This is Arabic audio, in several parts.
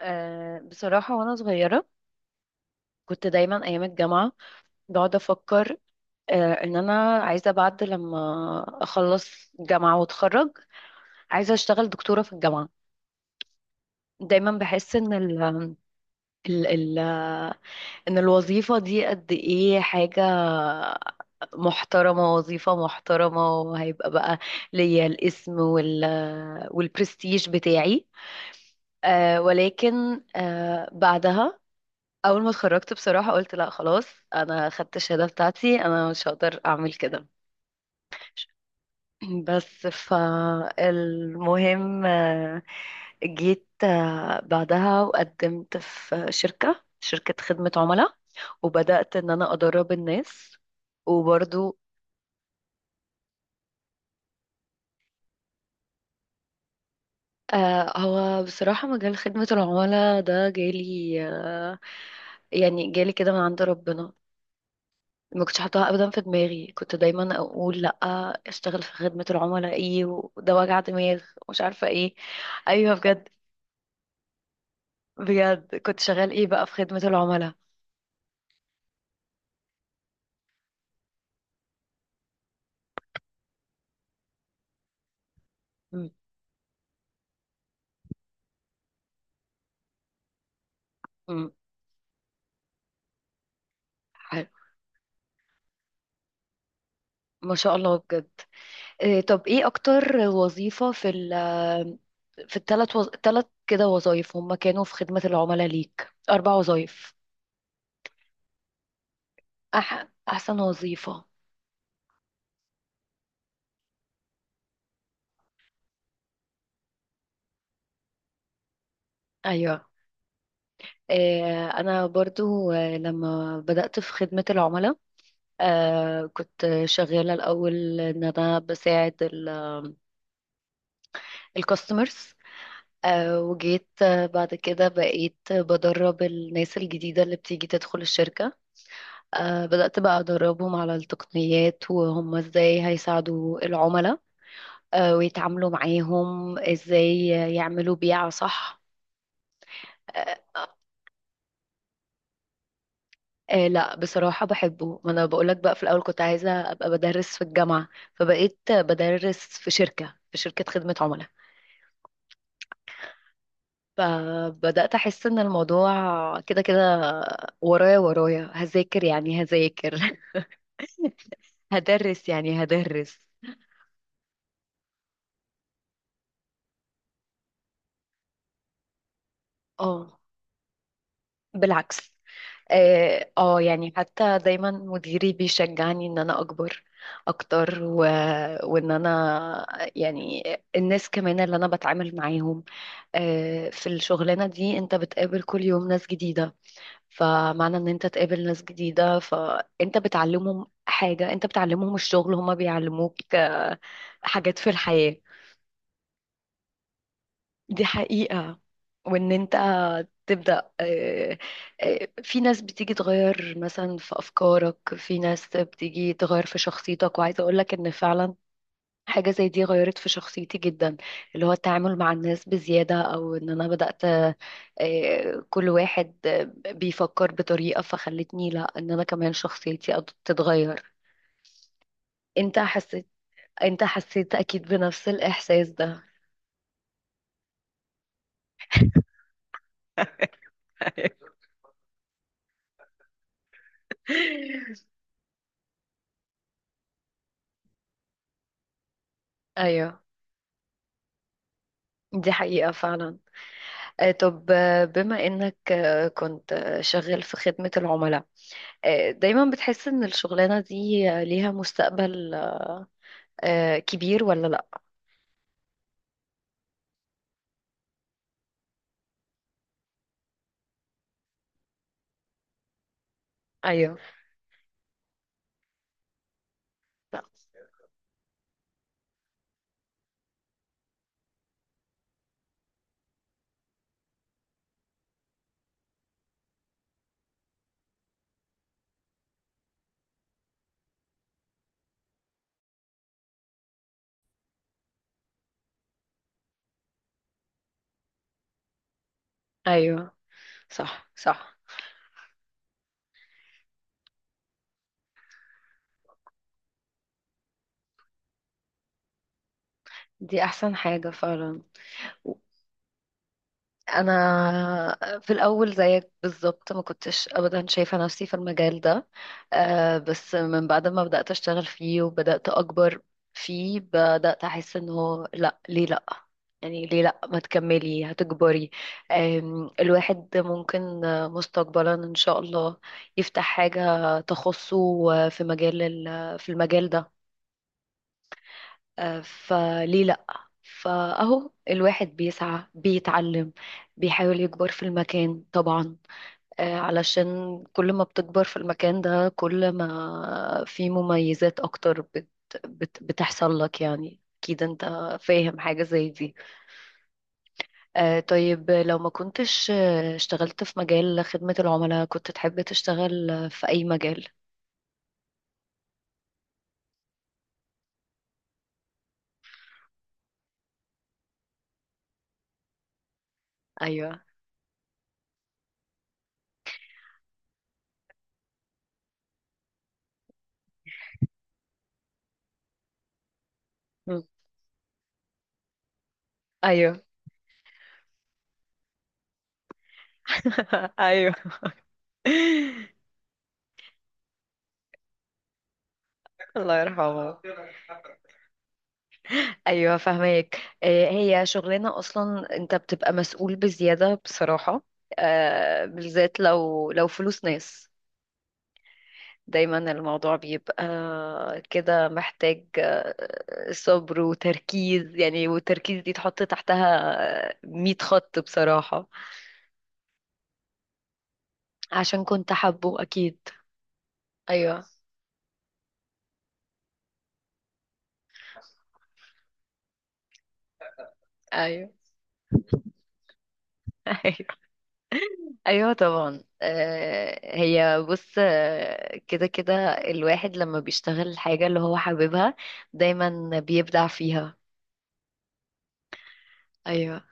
بصراحة وأنا صغيرة كنت دايما أيام الجامعة بقعد أفكر، إن أنا عايزة بعد لما أخلص جامعة وأتخرج، عايزة أشتغل دكتورة في الجامعة. دايما بحس إن ال ال ال إن الوظيفة دي قد إيه حاجة محترمة، وظيفة محترمة وهيبقى بقى ليا الاسم والبرستيج بتاعي. ولكن بعدها اول ما اتخرجت بصراحة قلت لا خلاص، انا خدت الشهادة بتاعتي انا مش هقدر اعمل كده. بس فالمهم، جيت بعدها وقدمت في شركة خدمة عملاء، وبدأت ان انا ادرب الناس وبرضو. هو بصراحة مجال خدمة العملاء ده جالي، يعني جالي كده من عند ربنا. ما كنتش حاطاها ابدا في دماغي، كنت دايما اقول لا اشتغل في خدمة العملاء ايه وده وجع دماغ ومش عارفة ايه. ايوه بجد، بجد كنت شغال ايه بقى في خدمة العملاء. م- م. حلو، ما شاء الله بجد. إيه طب ايه اكتر وظيفة في في ثلاث كده وظايف هم كانوا في خدمة العملاء ليك، اربع وظايف. احسن وظيفة. ايوه. إيه انا برضو، لما بدأت في خدمة العملاء كنت شغالة الأول إن أنا بساعد الكاستمرز، وجيت بعد كده بقيت بدرب الناس الجديدة اللي بتيجي تدخل الشركة. بدأت بقى أدربهم على التقنيات وهم إزاي هيساعدوا العملاء ويتعاملوا معاهم إزاي، يعملوا بيعة صح. آه آه لا بصراحة بحبه، ما أنا بقولك بقى في الأول كنت عايزة أبقى بدرس في الجامعة، فبقيت بدرس في شركة خدمة عملاء. فبدأت أحس إن الموضوع كده كده، ورايا ورايا هذاكر يعني هذاكر هدرس يعني هدرس. اه بالعكس. اه، يعني حتى دايما مديري بيشجعني ان انا اكبر اكتر وان انا يعني الناس كمان اللي انا بتعامل معاهم. في الشغلانة دي انت بتقابل كل يوم ناس جديدة، فمعنى ان انت تقابل ناس جديدة فانت بتعلمهم حاجة، انت بتعلمهم الشغل، هما بيعلموك حاجات في الحياة. دي حقيقة. وان انت تبدأ، في ناس بتيجي تغير مثلا في افكارك، في ناس بتيجي تغير في شخصيتك، وعايزة اقولك ان فعلا حاجة زي دي غيرت في شخصيتي جدا، اللي هو التعامل مع الناس بزيادة. أو إن أنا بدأت، كل واحد بيفكر بطريقة فخلتني لا، إن أنا كمان شخصيتي تتغير. أنت حسيت أنت حسيت أكيد بنفس الإحساس ده. أيوه، دي حقيقة فعلا. طب بما إنك كنت شغال في خدمة العملاء، دايما بتحس إن الشغلانة دي ليها مستقبل كبير ولا لأ؟ أيوه. ايوه صح صح. دي احسن حاجة فعلا. انا في الاول زيك بالظبط ما كنتش ابدا شايفة نفسي في المجال ده، بس من بعد ما بدأت اشتغل فيه وبدأت اكبر فيه بدأت احس انه لا، ليه لا، يعني ليه لا ما تكملي، هتكبري. آم، الواحد ممكن مستقبلا ان شاء الله يفتح حاجة تخصه، في مجال في المجال ده، فليه لأ. فأهو الواحد بيسعى، بيتعلم، بيحاول يكبر في المكان طبعا، علشان كل ما بتكبر في المكان ده كل ما في مميزات أكتر بت بت بتحصل لك، يعني أكيد أنت فاهم حاجة زي دي. طيب لو ما كنتش اشتغلت في مجال خدمة العملاء كنت تحب تشتغل في أي مجال؟ أيوه. م. أيوه. أيوه. الله يرحمه. ايوه فاهمك، هي شغلانه اصلا انت بتبقى مسؤول بزياده بصراحه، بالذات لو فلوس ناس. دايما الموضوع بيبقى كده، محتاج صبر وتركيز يعني، والتركيز دي تحط تحتها 100 خط بصراحه. عشان كنت حابه اكيد. ايوه. ايوه. ايوه طبعا، هي بص كده كده الواحد لما بيشتغل الحاجة اللي هو حاببها دايما بيبدع فيها. ايوه.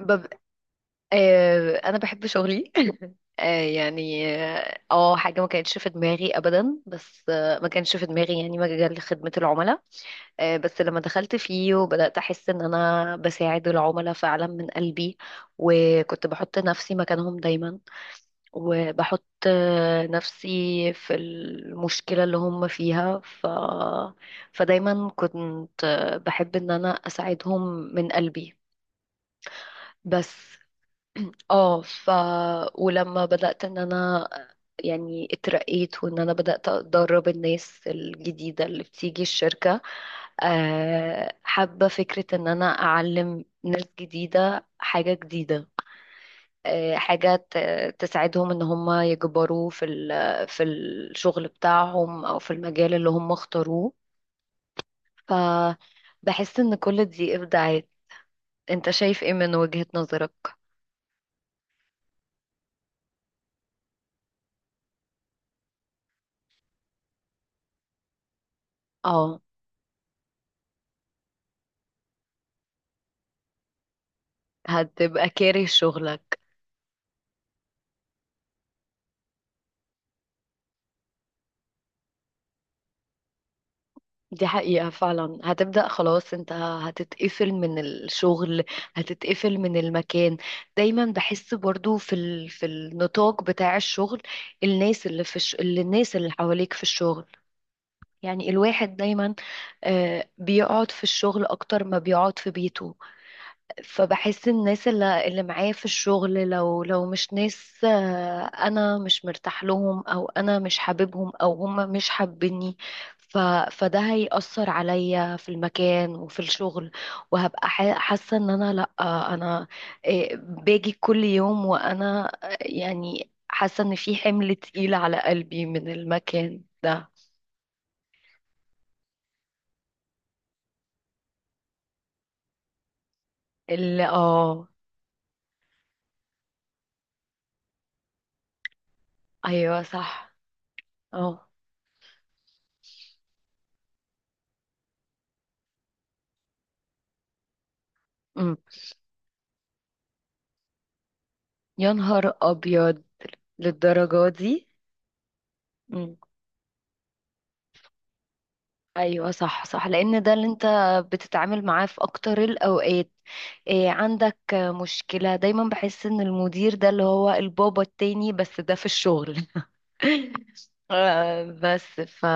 بب... انا بحب شغلي. يعني اه، حاجة ما كانتش في دماغي ابدا، بس ما كانش في دماغي يعني مجال خدمة العملاء. بس لما دخلت فيه وبدأت احس ان انا بساعد العملاء فعلا من قلبي، وكنت بحط نفسي مكانهم دايما، وبحط نفسي في المشكلة اللي هم فيها فدايما كنت بحب ان انا اساعدهم من قلبي بس. اه ولما بدأت ان انا يعني اترقيت، وان انا بدأت ادرب الناس الجديدة اللي بتيجي الشركة، حابة فكرة ان انا اعلم ناس جديدة حاجة جديدة، حاجات تساعدهم ان هم يكبروا في في الشغل بتاعهم او في المجال اللي هم اختاروه. فبحس ان كل دي ابداعات. انت شايف ايه من وجهة نظرك؟ اه هتبقى كاره شغلك. دي حقيقة فعلا، هتبدأ خلاص انت هتتقفل من الشغل، هتتقفل من المكان. دايما بحس برضو في في النطاق بتاع الشغل، الناس اللي في الناس اللي حواليك في الشغل، يعني الواحد دايما بيقعد في الشغل اكتر ما بيقعد في بيته. فبحس الناس اللي معايا في الشغل لو مش ناس، انا مش مرتاح لهم او انا مش حاببهم او هم مش حابيني، ف فده هيأثر عليا في المكان وفي الشغل، وهبقى حاسة ان انا لا، انا باجي كل يوم وانا يعني حاسة ان في حمل تقيل على قلبي من المكان ده. اللي اه ايوه صح. اه، أمم. يا نهار ابيض، للدرجه دي؟ أمم. ايوه صح صح، لان ده اللي انت بتتعامل معاه في اكتر الاوقات. إيه عندك مشكله؟ دايما بحس ان المدير ده اللي هو البابا التاني، بس ده في الشغل. بس ف